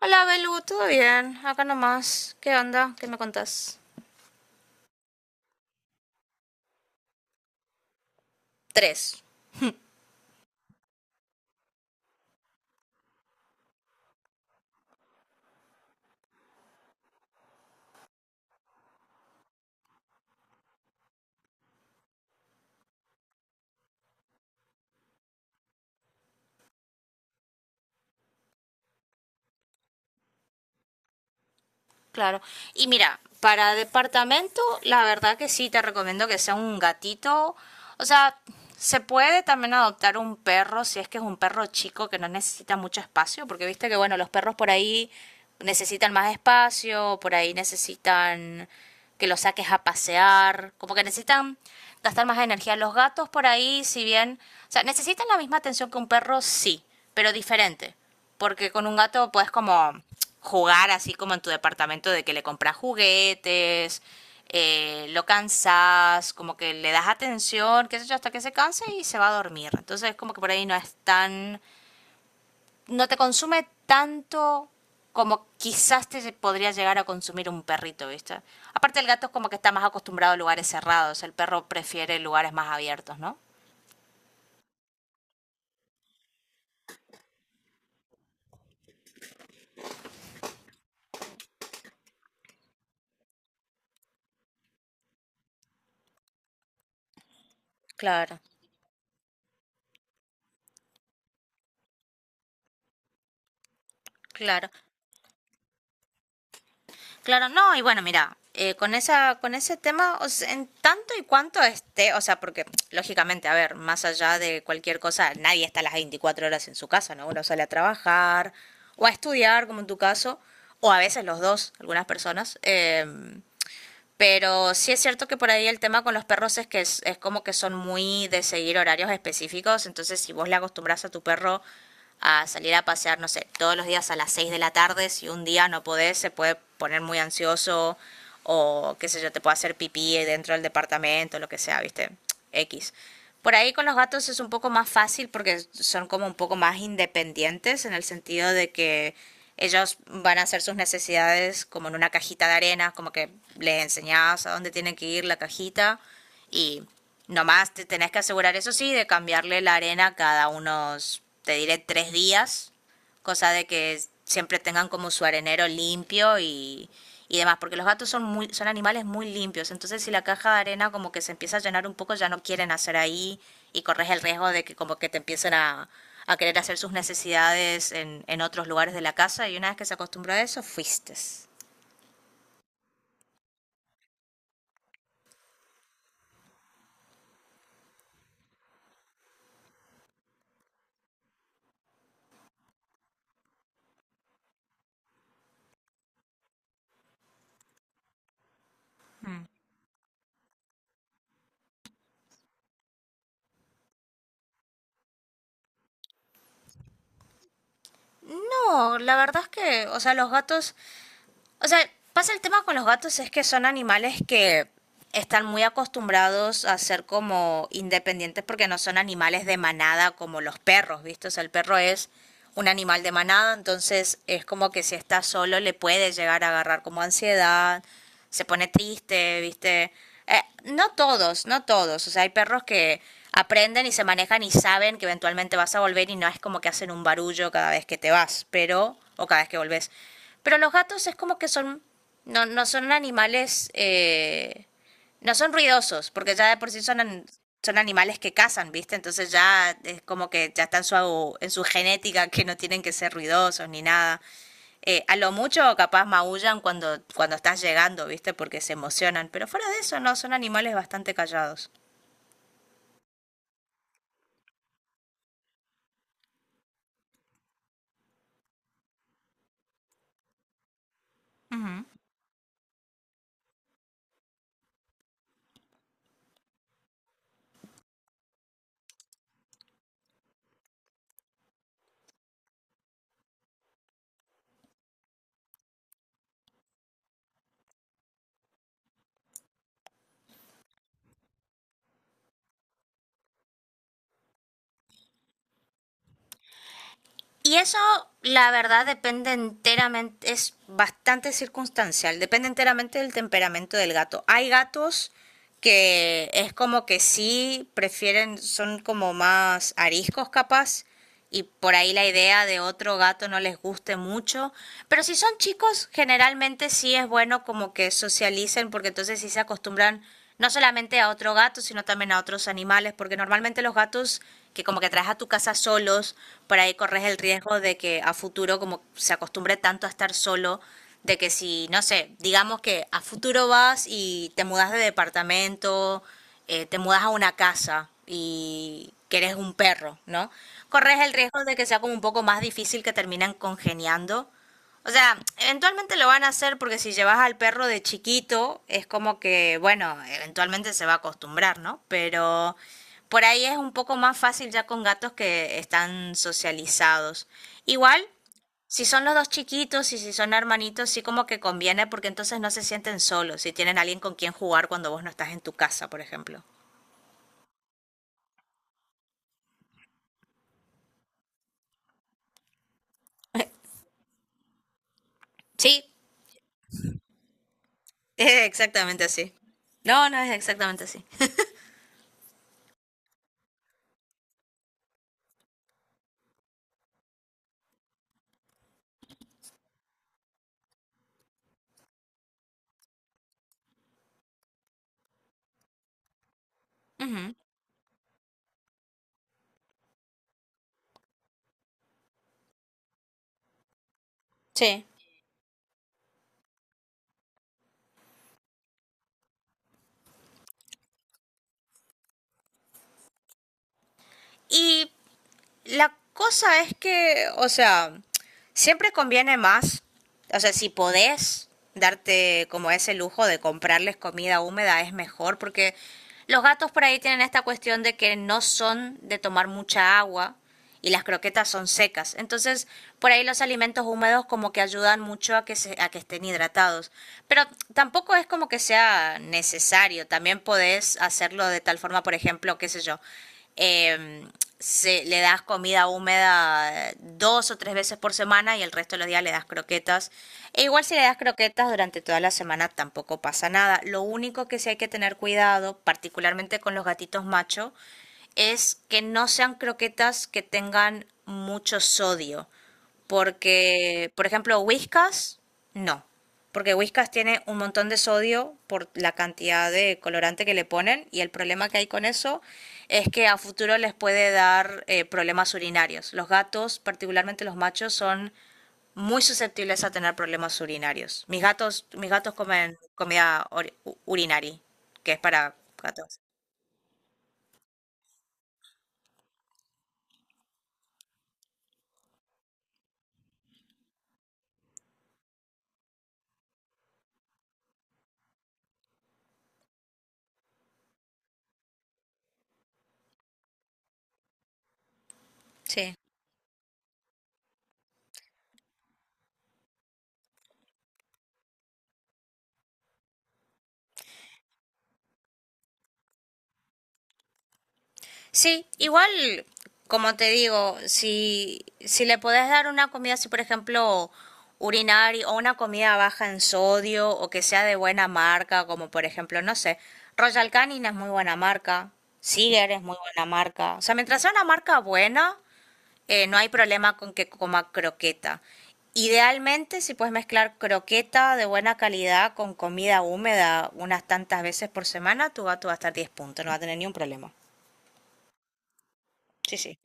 Hola, Belu, ¿todo bien? Acá nomás. ¿Qué onda? ¿Qué me contás? Tres. Claro. Y mira, para departamento, la verdad que sí, te recomiendo que sea un gatito. O sea, se puede también adoptar un perro si es que es un perro chico que no necesita mucho espacio, porque viste que, bueno, los perros por ahí necesitan más espacio, por ahí necesitan que los saques a pasear, como que necesitan gastar más energía. Los gatos por ahí, si bien, o sea, necesitan la misma atención que un perro, sí, pero diferente. Porque con un gato puedes como jugar así como en tu departamento de que le compras juguetes, lo cansas, como que le das atención, qué sé yo, hasta que se canse y se va a dormir. Entonces como que por ahí no es tan, no te consume tanto como quizás te podría llegar a consumir un perrito, ¿viste? Aparte el gato es como que está más acostumbrado a lugares cerrados, el perro prefiere lugares más abiertos, ¿no? Claro, claro. Claro, no, y bueno, mira, con esa, con ese tema, o sea, en tanto y cuanto esté, o sea, porque lógicamente, a ver, más allá de cualquier cosa, nadie está las 24 horas en su casa, ¿no? Uno sale a trabajar o a estudiar, como en tu caso, o a veces los dos, algunas personas. Pero sí es cierto que por ahí el tema con los perros es que es, como que son muy de seguir horarios específicos. Entonces, si vos le acostumbras a tu perro a salir a pasear, no sé, todos los días a las 6 de la tarde, si un día no podés, se puede poner muy ansioso o qué sé yo, te puede hacer pipí dentro del departamento, lo que sea, ¿viste? X. Por ahí con los gatos es un poco más fácil porque son como un poco más independientes en el sentido de que ellos van a hacer sus necesidades como en una cajita de arena, como que les enseñás a dónde tienen que ir la cajita y nomás te tenés que asegurar, eso sí, de cambiarle la arena cada unos, te diré, 3 días, cosa de que siempre tengan como su arenero limpio y demás, porque los gatos son muy, son animales muy limpios, entonces si la caja de arena como que se empieza a llenar un poco, ya no quieren hacer ahí y corres el riesgo de que como que te empiecen a, querer hacer sus necesidades en otros lugares de la casa y una vez que se acostumbró a eso, fuiste. Mm. No, la verdad es que, o sea, los gatos o sea, pasa el tema con los gatos es que son animales que están muy acostumbrados a ser como independientes porque no son animales de manada como los perros, ¿viste? O sea, el perro es un animal de manada, entonces es como que si está solo le puede llegar a agarrar como ansiedad, se pone triste, ¿viste? No todos, no todos. O sea, hay perros que aprenden y se manejan y saben que eventualmente vas a volver y no es como que hacen un barullo cada vez que te vas, pero, o cada vez que volvés. Pero los gatos es como que son, no, no son animales, no son ruidosos, porque ya de por sí son, son animales que cazan, ¿viste? Entonces ya es como que ya están en su genética que no tienen que ser ruidosos ni nada. A lo mucho capaz maullan cuando estás llegando, ¿viste? Porque se emocionan, pero fuera de eso no, son animales bastante callados. Ujú. Y eso, la verdad, depende enteramente, es bastante circunstancial, depende enteramente del temperamento del gato. Hay gatos que es como que sí prefieren, son como más ariscos capaz, y por ahí la idea de otro gato no les guste mucho, pero si son chicos, generalmente sí es bueno como que socialicen, porque entonces sí se acostumbran no solamente a otro gato, sino también a otros animales, porque normalmente los gatos que como que traes a tu casa solos, por ahí corres el riesgo de que a futuro como se acostumbre tanto a estar solo, de que si, no sé, digamos que a futuro vas y te mudas de departamento, te mudas a una casa y que eres un perro, ¿no? Corres el riesgo de que sea como un poco más difícil que terminan congeniando, o sea, eventualmente lo van a hacer porque si llevas al perro de chiquito, es como que, bueno, eventualmente se va a acostumbrar, ¿no? Pero por ahí es un poco más fácil ya con gatos que están socializados. Igual, si son los dos chiquitos y si son hermanitos, sí como que conviene porque entonces no se sienten solos, si tienen alguien con quien jugar cuando vos no estás en tu casa, por ejemplo. Sí, es exactamente así. No, no es exactamente así. Ujú. Sí. Y la cosa es que, o sea, siempre conviene más, o sea, si podés darte como ese lujo de comprarles comida húmeda es mejor porque los gatos por ahí tienen esta cuestión de que no son de tomar mucha agua y las croquetas son secas. Entonces, por ahí los alimentos húmedos como que ayudan mucho a que, a que estén hidratados. Pero tampoco es como que sea necesario. También podés hacerlo de tal forma, por ejemplo, qué sé yo, eh, le das comida húmeda dos o tres veces por semana y el resto de los días le das croquetas. E igual si le das croquetas durante toda la semana tampoco pasa nada. Lo único que sí hay que tener cuidado, particularmente con los gatitos macho, es que no sean croquetas que tengan mucho sodio. Porque, por ejemplo, Whiskas, no. Porque Whiskas tiene un montón de sodio por la cantidad de colorante que le ponen y el problema que hay con eso es que a futuro les puede dar problemas urinarios. Los gatos, particularmente los machos, son muy susceptibles a tener problemas urinarios. Mis gatos comen comida urinari, que es para gatos. Sí. Sí, igual, como te digo, si, si le podés dar una comida así, por ejemplo, urinaria o una comida baja en sodio o que sea de buena marca, como por ejemplo, no sé, Royal Canin es muy buena marca, Siger es muy buena marca. O sea, mientras sea una marca buena, no hay problema con que coma croqueta. Idealmente, si puedes mezclar croqueta de buena calidad con comida húmeda unas tantas veces por semana, tu gato va a estar 10 puntos, no va a tener ni un problema. Sí, sí.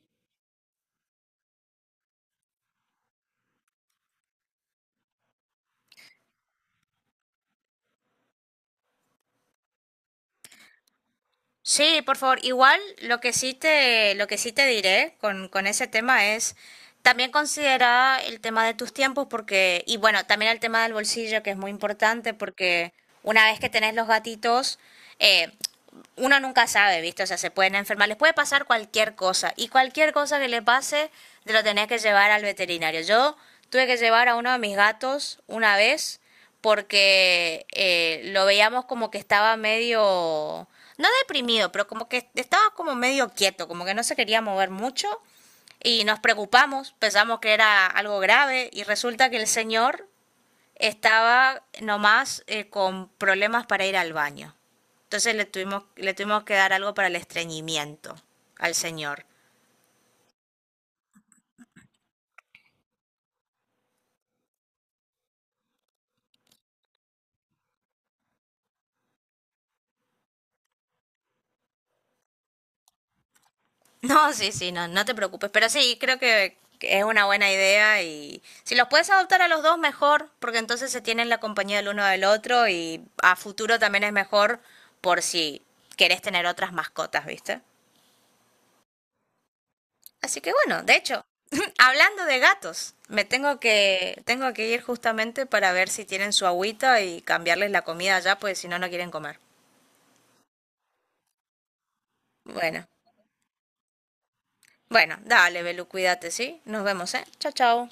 Sí, por favor. Igual lo que sí te, lo que sí te diré con ese tema es también considera el tema de tus tiempos porque, y bueno, también el tema del bolsillo que es muy importante porque una vez que tenés los gatitos, eh, uno nunca sabe, ¿viste? O sea, se pueden enfermar, les puede pasar cualquier cosa y cualquier cosa que le pase, te lo tenés que llevar al veterinario. Yo tuve que llevar a uno de mis gatos una vez porque lo veíamos como que estaba medio, no deprimido, pero como que estaba como medio quieto, como que no se quería mover mucho y nos preocupamos, pensamos que era algo grave y resulta que el señor estaba nomás con problemas para ir al baño. Entonces le tuvimos que dar algo para el estreñimiento al señor. No, sí, sí, no, no te preocupes. Pero sí, creo que es una buena idea y si los puedes adoptar a los dos, mejor, porque entonces se tienen la compañía del uno del otro y a futuro también es mejor por si querés tener otras mascotas, ¿viste? Así que bueno, de hecho, hablando de gatos, tengo que ir justamente para ver si tienen su agüita y cambiarles la comida ya, pues si no, no quieren comer. Bueno, bueno, dale, Belu, cuídate, ¿sí? Nos vemos, ¿eh? Chao, chao.